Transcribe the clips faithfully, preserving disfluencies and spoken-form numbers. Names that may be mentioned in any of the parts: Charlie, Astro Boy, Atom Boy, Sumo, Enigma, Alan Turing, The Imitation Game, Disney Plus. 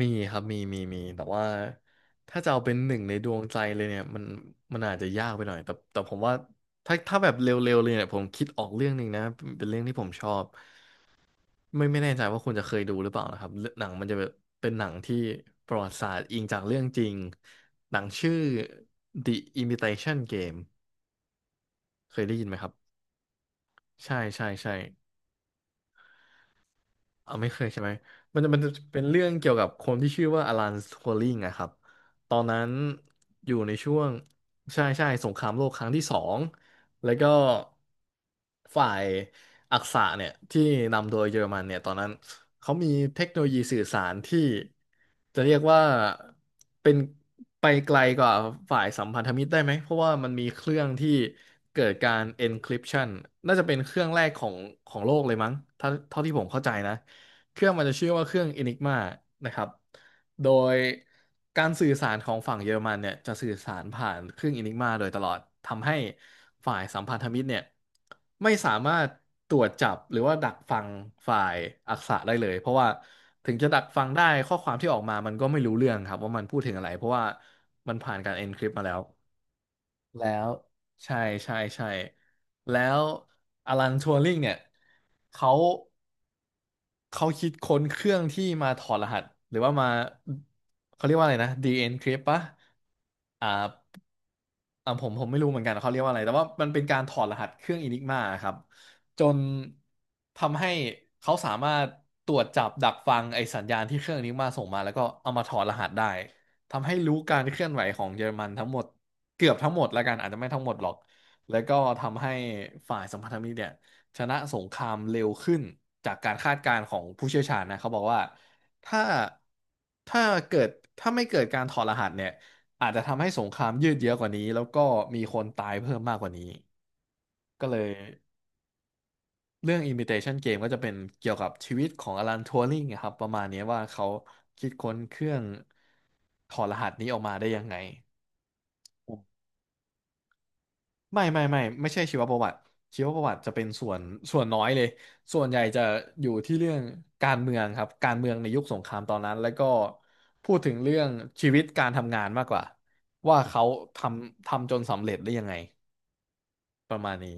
มีครับมีมีมีแต่ว่าถ้าจะเอาเป็นหนึ่งในดวงใจเลยเนี่ยมันมันอาจจะยากไปหน่อยแต่แต่ผมว่าถ้าถ้าแบบเร็วๆเลยเนี่ยผมคิดออกเรื่องหนึ่งนะเป็นเรื่องที่ผมชอบไม่ไม่แน่ใจว่าคุณจะเคยดูหรือเปล่านะครับเรื่องหนังมันจะแบบเป็นหนังที่ประวัติศาสตร์อิงจากเรื่องจริงหนังชื่อ The Imitation Game เคยได้ยินไหมครับใช่ใช่ใช่ เอาไม่เคยใช่ไหมมันจะมันจะเป็นเรื่องเกี่ยวกับคนที่ชื่อว่าอลันทัวริงอะครับ ตอนนั้นอยู่ในช่วงใช่ใช่สงครามโลกครั้งที่สองแล้วก็ฝ่ายอักษะเนี่ยที่นำโดยเยอรมันเนี่ยตอนนั้นเขามีเทคโนโลยีสื่อสารที่จะเรียกว่าเป็นไปไกลกว่าฝ่ายสัมพันธมิตรได้ไหม เพราะว่ามันมีเครื่องที่เกิดการ encryption น่าจะเป็นเครื่องแรกของของโลกเลยมั้งถ้าเท่าที่ผมเข้าใจนะ เครื่องมันจะชื่อว่าเครื่อง Enigma นะครับโดยการสื่อสารของฝั่งเยอรมันเนี่ยจะสื่อสารผ่านเครื่อง Enigma โดยตลอด ทำให้ฝ่ายสัมพันธมิตรเนี่ยไม่สามารถตรวจจับหรือว่าดักฟังฝ่ายอักษะได้เลย เพราะว่าถึงจะดักฟังได้ข้อความที่ออกมามันก็ไม่รู้เรื่องครับว่ามันพูดถึงอะไรเพราะว่ามันผ่านการ encrypt มาแล้วแล้วใช่ใช่ใช่ แล้วอลันทัวริงเนี่ยเขา เขาคิดค้นเครื่องที่มาถอดรหัสหรือว่ามาเขาเรียกว่าอะไรนะ de-encrypt ปะอ่า อ่าผมผมไม่รู้เหมือนกันเขาเรียกว่าอะไรแต่ว่ามันเป็นการถอดรหัสเครื่อง Enigma ครับจนทำให้เขาสามารถตรวจจับดักฟังไอสัญญาณที่เครื่อง Enigma ส่งมาแล้วก็เอามาถอดรหัสได้ทำให้รู้การเคลื่อนไหวของเยอรมันทั้งหมดเกือบทั้งหมดแล้วกันอาจจะไม่ทั้งหมดหรอกแล้วก็ทำให้ฝ่ายสัมพันธมิตรเนี่ยชนะสงครามเร็วขึ้นจากการคาดการณ์ของผู้เชี่ยวชาญนะเขาบอกว่าถ้าถ้าเกิดถ้าไม่เกิดการถอดรหัสเนี่ย อาจจะทำให้สงครามยืดเยื้อกว่านี้แล้วก็มีคนตายเพิ่มมากกว่านี้ก็เลยเรื่อง Imitation Game ก็จะเป็นเกี่ยวกับชีวิตของอลันทัวริงครับประมาณนี้ว่าเขาคิดค้นเครื่องถอดรหัสนี้ออกมาได้ยังไงไม่ไม่ไม่ไม่ใช่ชีวประวัติชีวประวัติจะเป็นส่วนส่วนน้อยเลยส่วนใหญ่จะอยู่ที่เรื่องการเมืองครับการเมืองในยุคสงครามตอนนั้นแล้วก็พูดถึงเรื่องชีวิตการทำงานมากกว่าว่าเขาทำทำจนสำเร็จได้ยังไงประมาณนี้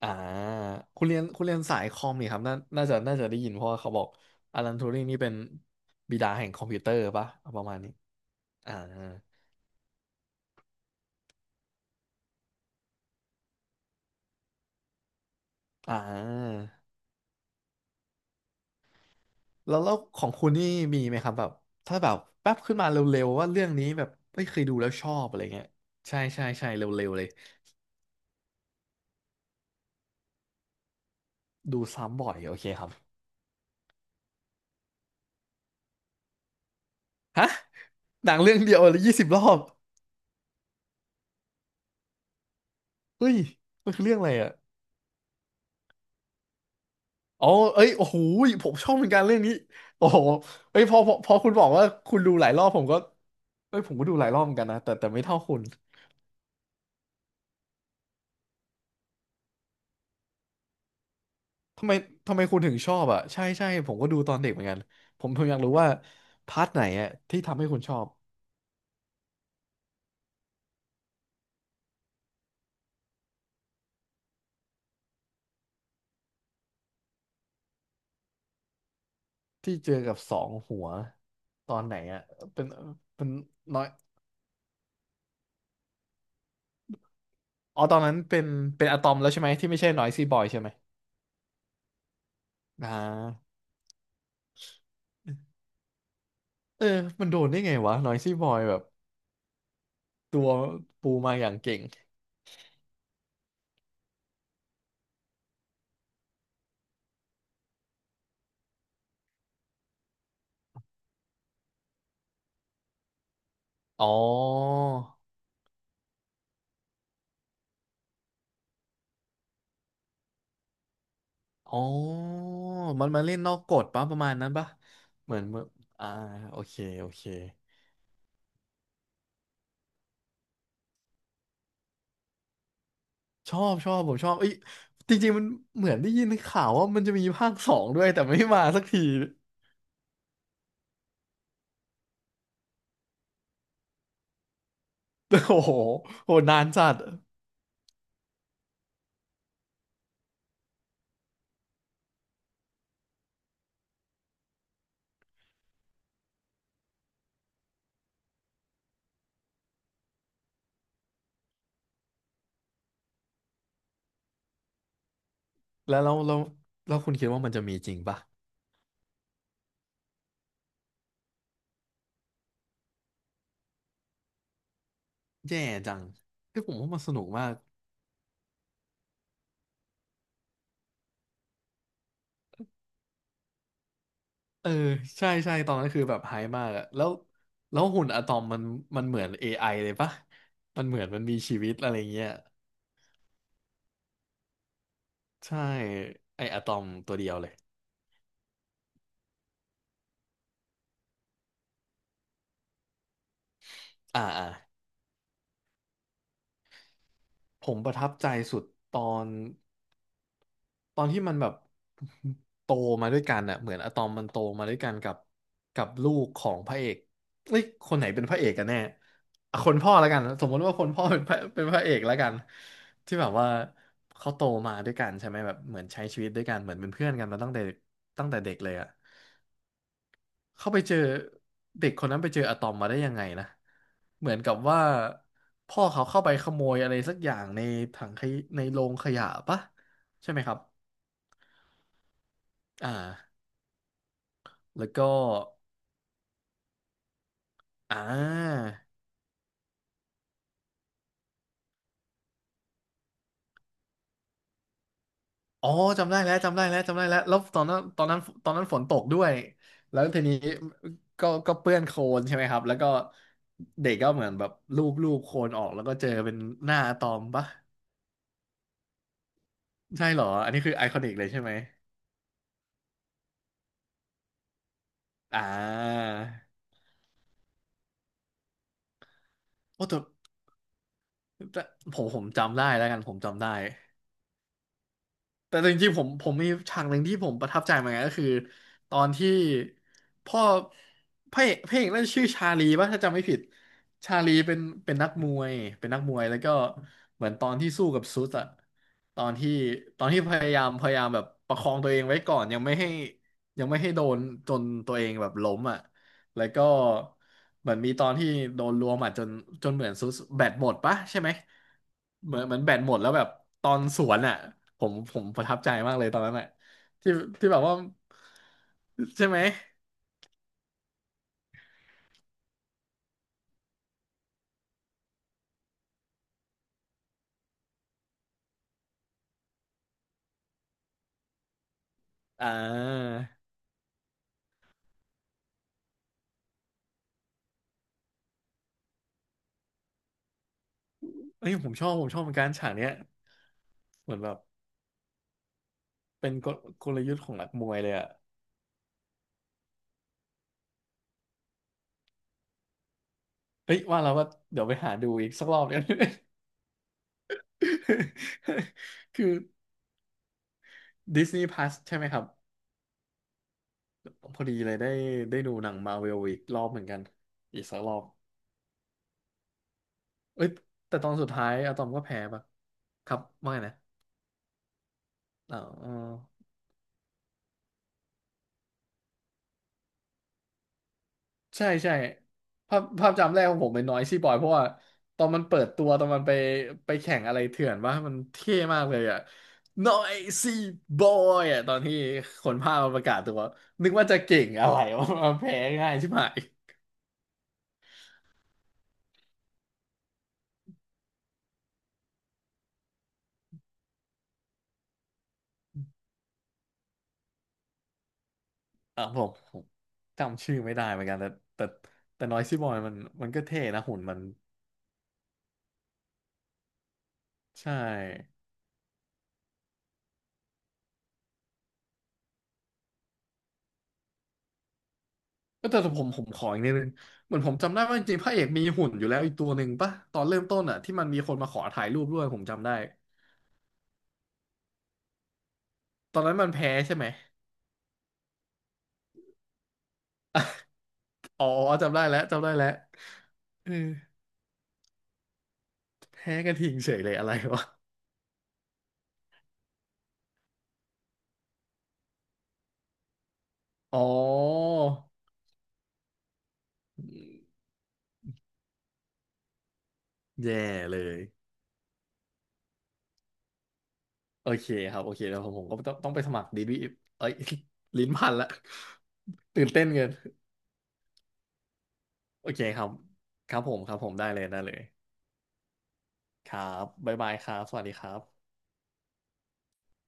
อ่าคุณเรียนคุณเรียนสายคอมนี่ครับน่าน่าจะน่าจะได้ยินเพราะว่าเขาบอกอลันทูริงนี่เป็นบิดาแห่งคอมพิวเตอร์ปะเอาประมาณนี้อ่าอ่าแล้วแล้วของคุณนี่มีไหมครับแบบถ้าแบบแป๊บขึ้นมาเร็วๆว่าเรื่องนี้แบบไม่เคยดูแล้วชอบอะไรเงี้ยใช่ใช่ใช่เร็วๆเลยดูซ้ำบ่อยโอเคครับฮะหนังเรื่องเดียวเลยยี่สิบรอบเฮ้ยมันคือเรื่องอะไรอ่ะอ๋อเอ้ยโอ้โหผมชอบเหมือนกันเรื่องนี้โอ้โหเอ้ยพอพอพอคุณบอกว่าคุณดูหลายรอบผมก็ เอ้ยผมก็ดูหลายรอบเหมือนกันนะแต่แต่ไม่เท่าคุณทำไมทำไมคุณถึงชอบอ่ะใช่ใช่ผมก็ดูตอนเด็กเหมือนกันผมผมอยากรู้ว่าพาร์ทไหนอ่ะที่ทำให้คุณชอบที่เจอกับสองหัวตอนไหนอ่ะเป็นเป็นน้อยอ๋อตอนนั้นเป็นเป็นอะตอมแล้วใช่ไหมที่ไม่ใช่นอยซี่บอยใช่ไหมอ่าเออมันโดนได้ไงวะนอยซี่บอยแบบตัวปูมาอย่างเก่งอ๋ออ๋อมันมาเล่นนอกกฎปะประมาณนั้นปะเหมือนเมื่ออ่าโอเคโอเค ชอบชอบผมชอบเอ้ยจริงๆมันเหมือนได้ยินข่าวว่ามันจะมีภาคสองด้วยแต่ไม่มาสักที โอ้โหโหนานจัดแล้วแราเรล้วแล้วคุณคิดว่ามันจะมีจริงปะแย่จังเอผมว่ามันสนุกมากเออใช่ใช่ตอนนั้นคือแบบไฮป์มากอะแล้วแล้วหุ่นอะตอมมันมันเหมือน เอ ไอ เลยปะมันเหมือนมันมีชีวิตอะไรเงี้ยใช่ไออะตอมตัวเดียวเลยอ่าอ่าผมประทับใจสุดตอน ตอนที่มันแบบ โตมาด้วยกันอะเหมือนอะตอมมันโตมาด้วยกันกับกับลูกของพระเอกเอ้ยคนไหนเป็นพระเอกกันแน่อ่ะคนพ่อแล้วกันสมมติว่าคนพ่อเป็นพระ เป็นพระเอกแล้วกันที่แบบว่าเขาโตมาด้วยกันใช่ไหมแบบเหมือนใช้ชีวิตด้วยกันเหมือนเป็นเพื่อนกันมาตั้งแต่ตั้งแต่เด็กเลยอะเขาไปเจอเด็กคนนั้นไปเจออะตอมมาได้ยังไงนะเหมือนกับว่าพ่อเขาเข้าไปขโมยอะไรสักอย่างในถังขยในโรงขยะปะใช่ไหมครับอ่า แล้วก็อ่าอ๋อจำได้แล้วจำได้แล้วจำได้แล้วแล้วตอนนั้นตอนนั้นตอนนั้นฝนตกด้วย แล้วทีนี้ก็ก็เปื้อนโคลนใช่ไหมครับ แล้วก็เด็กก็เหมือนแบบลูบลูบโคลนออกแล้วก็เจอเป็นหน้าอะตอมปะใช่เหรออันนี้คือไอคอนิกเลยใช่ไหมอ่าโอ้แต่แต่ผมผมจำได้แล้วกันผมจำได้ แต่จริงๆผมผมมีฉากหนึ่งที่ผมประทับใจเหมือนกันก็คือตอนที่พ่อพระเอกพระเอกน่นชื่อชาลีป่ะถ้าจำไม่ผิดชาลีเป็นเป็นนักมวยเป็นนักมวยแล้วก็เหมือนตอนที่สู้กับซุสอะตอนที่ตอนที่พยายามพยายามแบบประคองตัวเองไว้ก่อนยังไม่ให้ยังไม่ให้โดนจนตัวเองแบบล้มอะ แล้วก็เหมือนมีตอนที่โดนรวมอ่ะจนจนเหมือนซุสแบตหมดปะใช่ไหมเหมือนเหมือนแบตหมดแล้วแบบตอนสวนอ่ะผมผมประทับใจมากเลยตอนนั้นอ่ะที่ที่แบบว่าใช่ไหมอ่าเอ้ยผมชอบผมชอบเหมือนกันฉากเนี้ยเหมือนแบบเป็นกลกลยุทธ์ของนักมวยเลยอ่ะเฮ้ยว่าแล้วว่าก็เดี๋ยวไปหาดูอีกสักรอบเนี่ย คือ ดิสนีย์ พลัส ใช่ไหมครับ พอดีเลยได้ได้ดูหนังมาเวลอีกรอบเหมือนกันอีกสักรอบเอ้ยแต่ตอนสุดท้ายอะตอมก็แพ้ปะครับไม่าไงนะอ๋อใช่ใช่ภาพภาพจำแรกของผมเป็นน้อยซี่บอยเพราะว่าตอนมันเปิดตัวตอนมันไปไปแข่งอะไรเถื่อนว่ามันเท่มากเลยอะน้อยซี่บอยอะตอนที่คนภาคมาประกาศตัวนึกว่าจะเก่งอะไรวะมันแพ้ง่ายใช่ไหมอ่ะผมผมจำชื่อไม่ได้เหมือนกันแต่แต่แต่น้อยซี่บอยมันมันก็เท่นะหุ่นมัน ใช่ก็แต่ผมผมขออีกนิดนึงเหมือนผมจำได้ว่าจริงๆพระเอกมีหุ่นอยู่แล้วอีกตัวหนึ่งป่ะตอนเริ่มต้นอ่ะที่มันมีคนมาขอถ่ายรูปด้วยผมจำได้ตอนนั้นมันแพ้ใช่ไหมอ๋อจำได้แล้วจำได้แล้วเออแพ้กระทิงเฉยเลยอะไรวะอ๋อแย่เลยโอเคครับโอเคแล้วผมผมก็ต้องต้องไปสมัครดีบีเอ้ย ลิ้นพันละตื่นเต้นเกินโอเคครับครับผมครับผมได้เลยได้เลยครับบ๊ายบายครับสวัสดีครับ